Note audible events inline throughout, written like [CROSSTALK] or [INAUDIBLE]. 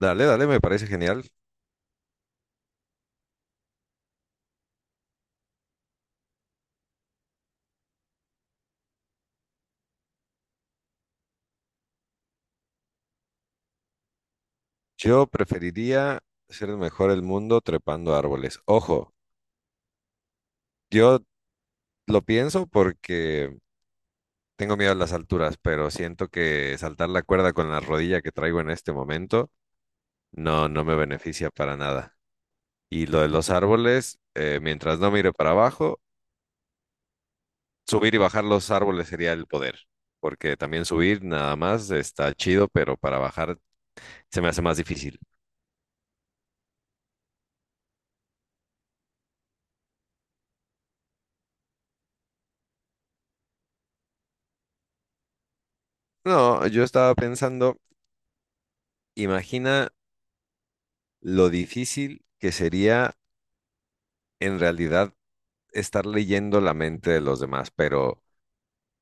Dale, dale, me parece genial. Yo preferiría ser el mejor del mundo trepando árboles. Ojo, yo lo pienso porque tengo miedo a las alturas, pero siento que saltar la cuerda con la rodilla que traigo en este momento no me beneficia para nada. Y lo de los árboles, mientras no mire para abajo, subir y bajar los árboles sería el poder, porque también subir nada más está chido, pero para bajar se me hace más difícil. No, yo estaba pensando, imagina lo difícil que sería en realidad estar leyendo la mente de los demás, pero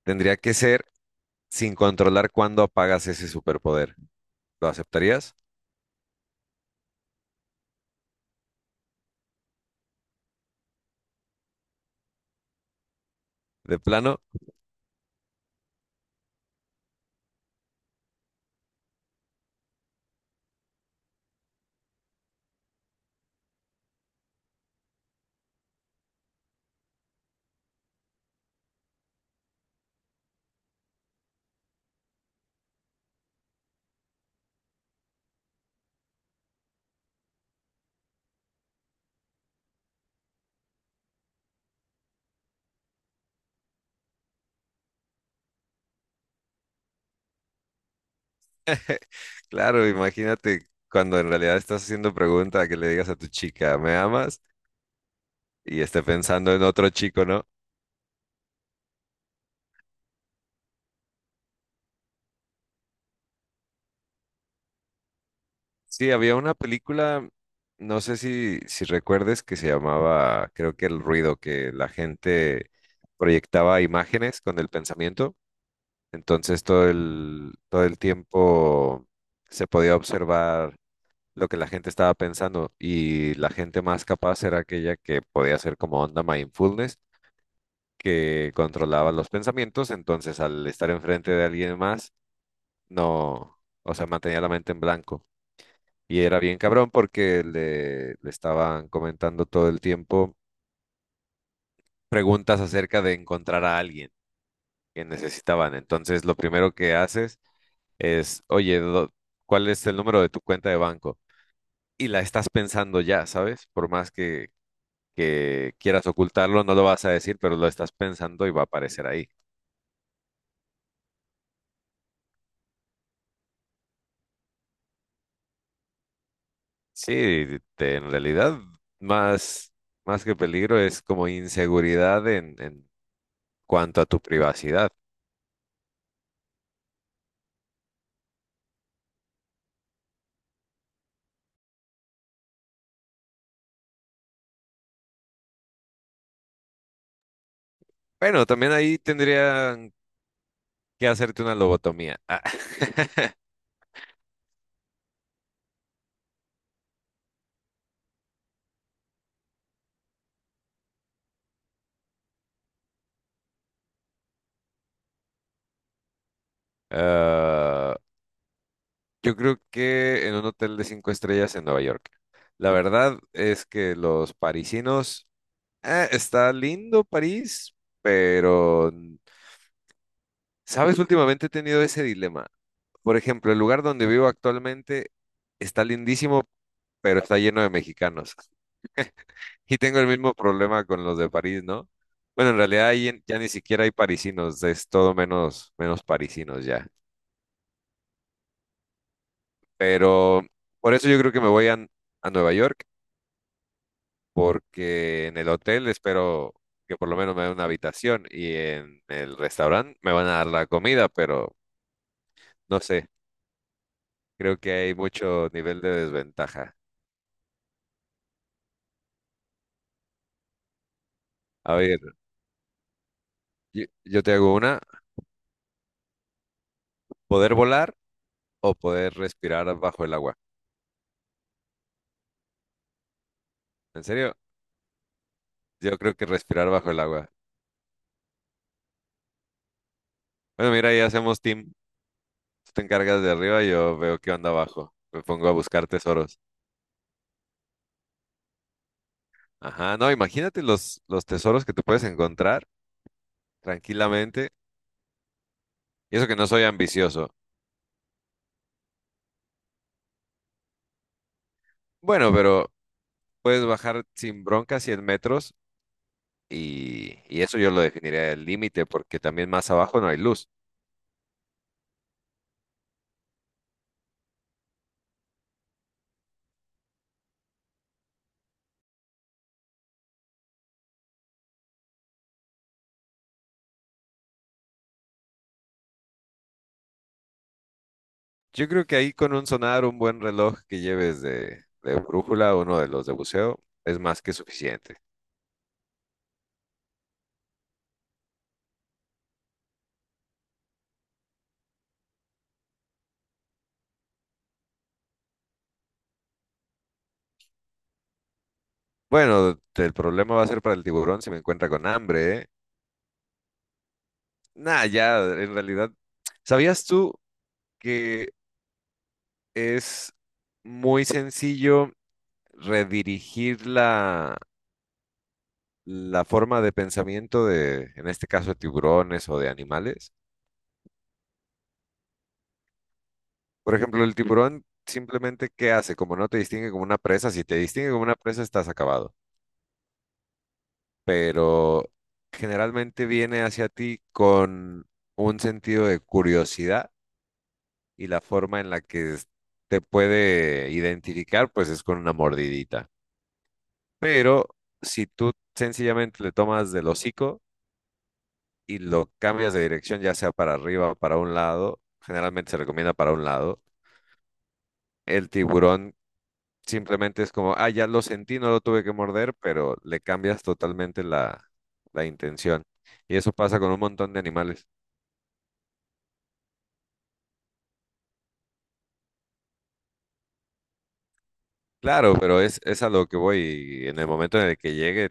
tendría que ser sin controlar cuándo apagas ese superpoder. ¿Lo aceptarías? ¿De plano? Claro, imagínate cuando en realidad estás haciendo pregunta que le digas a tu chica, ¿me amas? Y esté pensando en otro chico, ¿no? Sí, había una película, no sé si recuerdes, que se llamaba, creo que El Ruido, que la gente proyectaba imágenes con el pensamiento. Entonces todo el tiempo se podía observar lo que la gente estaba pensando y la gente más capaz era aquella que podía hacer como onda mindfulness, que controlaba los pensamientos, entonces al estar enfrente de alguien más, no, o sea, mantenía la mente en blanco. Y era bien cabrón porque le estaban comentando todo el tiempo preguntas acerca de encontrar a alguien que necesitaban. Entonces lo primero que haces es, oye, ¿cuál es el número de tu cuenta de banco? Y la estás pensando ya, ¿sabes? Por más que quieras ocultarlo, no lo vas a decir, pero lo estás pensando y va a aparecer ahí. Sí, en realidad, más, más que peligro es como inseguridad en cuanto a tu privacidad. Bueno, también ahí tendrían que hacerte una lobotomía. Ah. [LAUGHS] Ah, yo creo que en un hotel de cinco estrellas en Nueva York. La verdad es que los parisinos, está lindo París, pero, ¿sabes? Últimamente he tenido ese dilema. Por ejemplo, el lugar donde vivo actualmente está lindísimo, pero está lleno de mexicanos. [LAUGHS] Y tengo el mismo problema con los de París, ¿no? Bueno, en realidad ahí ya ni siquiera hay parisinos, es todo menos, menos parisinos ya. Pero por eso yo creo que me voy a Nueva York. Porque en el hotel espero que por lo menos me den una habitación y en el restaurante me van a dar la comida, pero no sé, creo que hay mucho nivel de desventaja. A ver, yo te hago una, ¿poder volar o poder respirar bajo el agua? ¿En serio? Yo creo que respirar bajo el agua. Bueno, mira, ya hacemos team. Tú te encargas de arriba, yo veo qué onda abajo. Me pongo a buscar tesoros. Ajá, no, imagínate los tesoros que te puedes encontrar tranquilamente. Y eso que no soy ambicioso. Bueno, pero puedes bajar sin bronca 100 metros y eso yo lo definiría el límite porque también más abajo no hay luz. Yo creo que ahí con un sonar, un buen reloj que lleves de brújula, uno de los de buceo, es más que suficiente. Bueno, el problema va a ser para el tiburón si me encuentra con hambre, ¿eh? Nah, ya, en realidad, ¿sabías tú que es muy sencillo redirigir la forma de pensamiento de, en este caso, de tiburones o de animales. Por ejemplo, el tiburón simplemente, ¿qué hace? Como no te distingue como una presa, si te distingue como una presa, estás acabado. Pero generalmente viene hacia ti con un sentido de curiosidad y la forma en la que te puede identificar, pues es con una mordidita. Pero si tú sencillamente le tomas del hocico, y lo cambias de dirección, ya sea para arriba o para un lado, generalmente se recomienda para un lado, el tiburón simplemente es como, ah, ya lo sentí, no lo tuve que morder, pero le cambias totalmente la intención. Y eso pasa con un montón de animales. Claro, pero es a lo que voy. Y en el momento en el que llegue,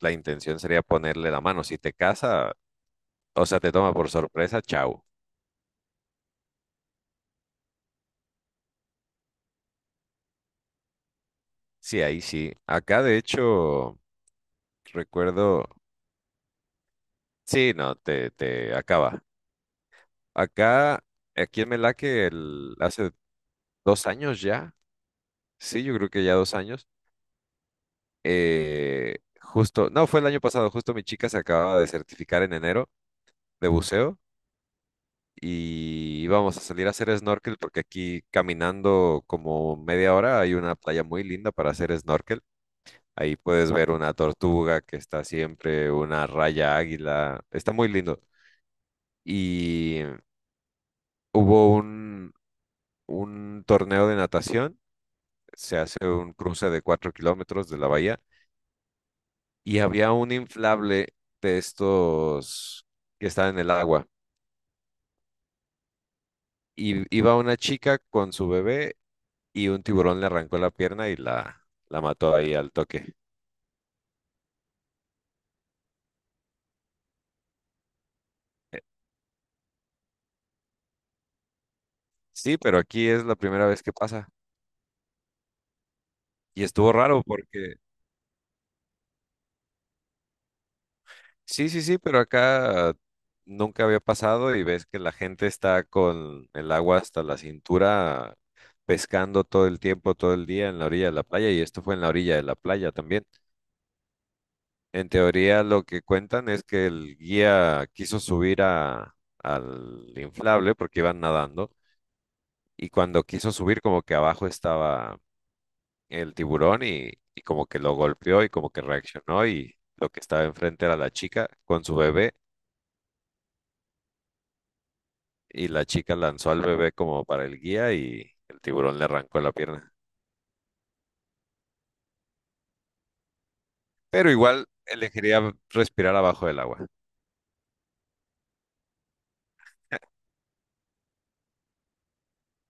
la intención sería ponerle la mano. Si te caza, o sea, te toma por sorpresa, chau. Sí, ahí sí. Acá, de hecho, recuerdo. Sí, no, te acaba. Acá, aquí en Melaque, hace 2 años ya, sí, yo creo que ya 2 años, justo, no, fue el año pasado, justo mi chica se acababa de certificar en enero de buceo y íbamos a salir a hacer snorkel porque aquí caminando como media hora hay una playa muy linda para hacer snorkel. Ahí puedes ver una tortuga que está siempre, una raya águila, está muy lindo. Y hubo un, torneo de natación se hace un cruce de 4 kilómetros de la bahía y había un inflable de estos que estaba en el agua. Y iba una chica con su bebé y un tiburón le arrancó la pierna y la mató ahí al toque. Sí, pero aquí es la primera vez que pasa. Y estuvo raro porque, sí, sí, sí, pero acá nunca había pasado y ves que la gente está con el agua hasta la cintura pescando todo el tiempo, todo el día en la orilla de la playa y esto fue en la orilla de la playa también. En teoría, lo que cuentan es que el guía quiso subir al inflable porque iban nadando y cuando quiso subir como que abajo estaba el tiburón y como que lo golpeó y como que reaccionó y lo que estaba enfrente era la chica con su bebé y la chica lanzó al bebé como para el guía y el tiburón le arrancó la pierna. Pero igual elegiría respirar abajo del agua.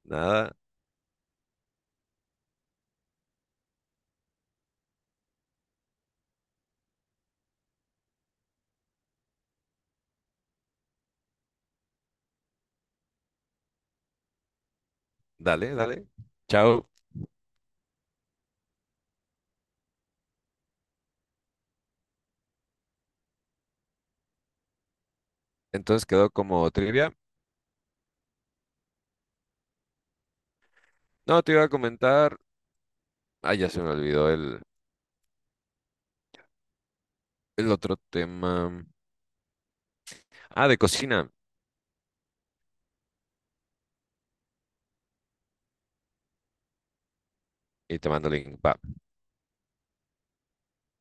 Nada, dale, dale. Chao. Entonces quedó como trivia. No, te iba a comentar. Ah, ya se me olvidó el otro tema. Ah, de cocina. Y te mando el link. Va.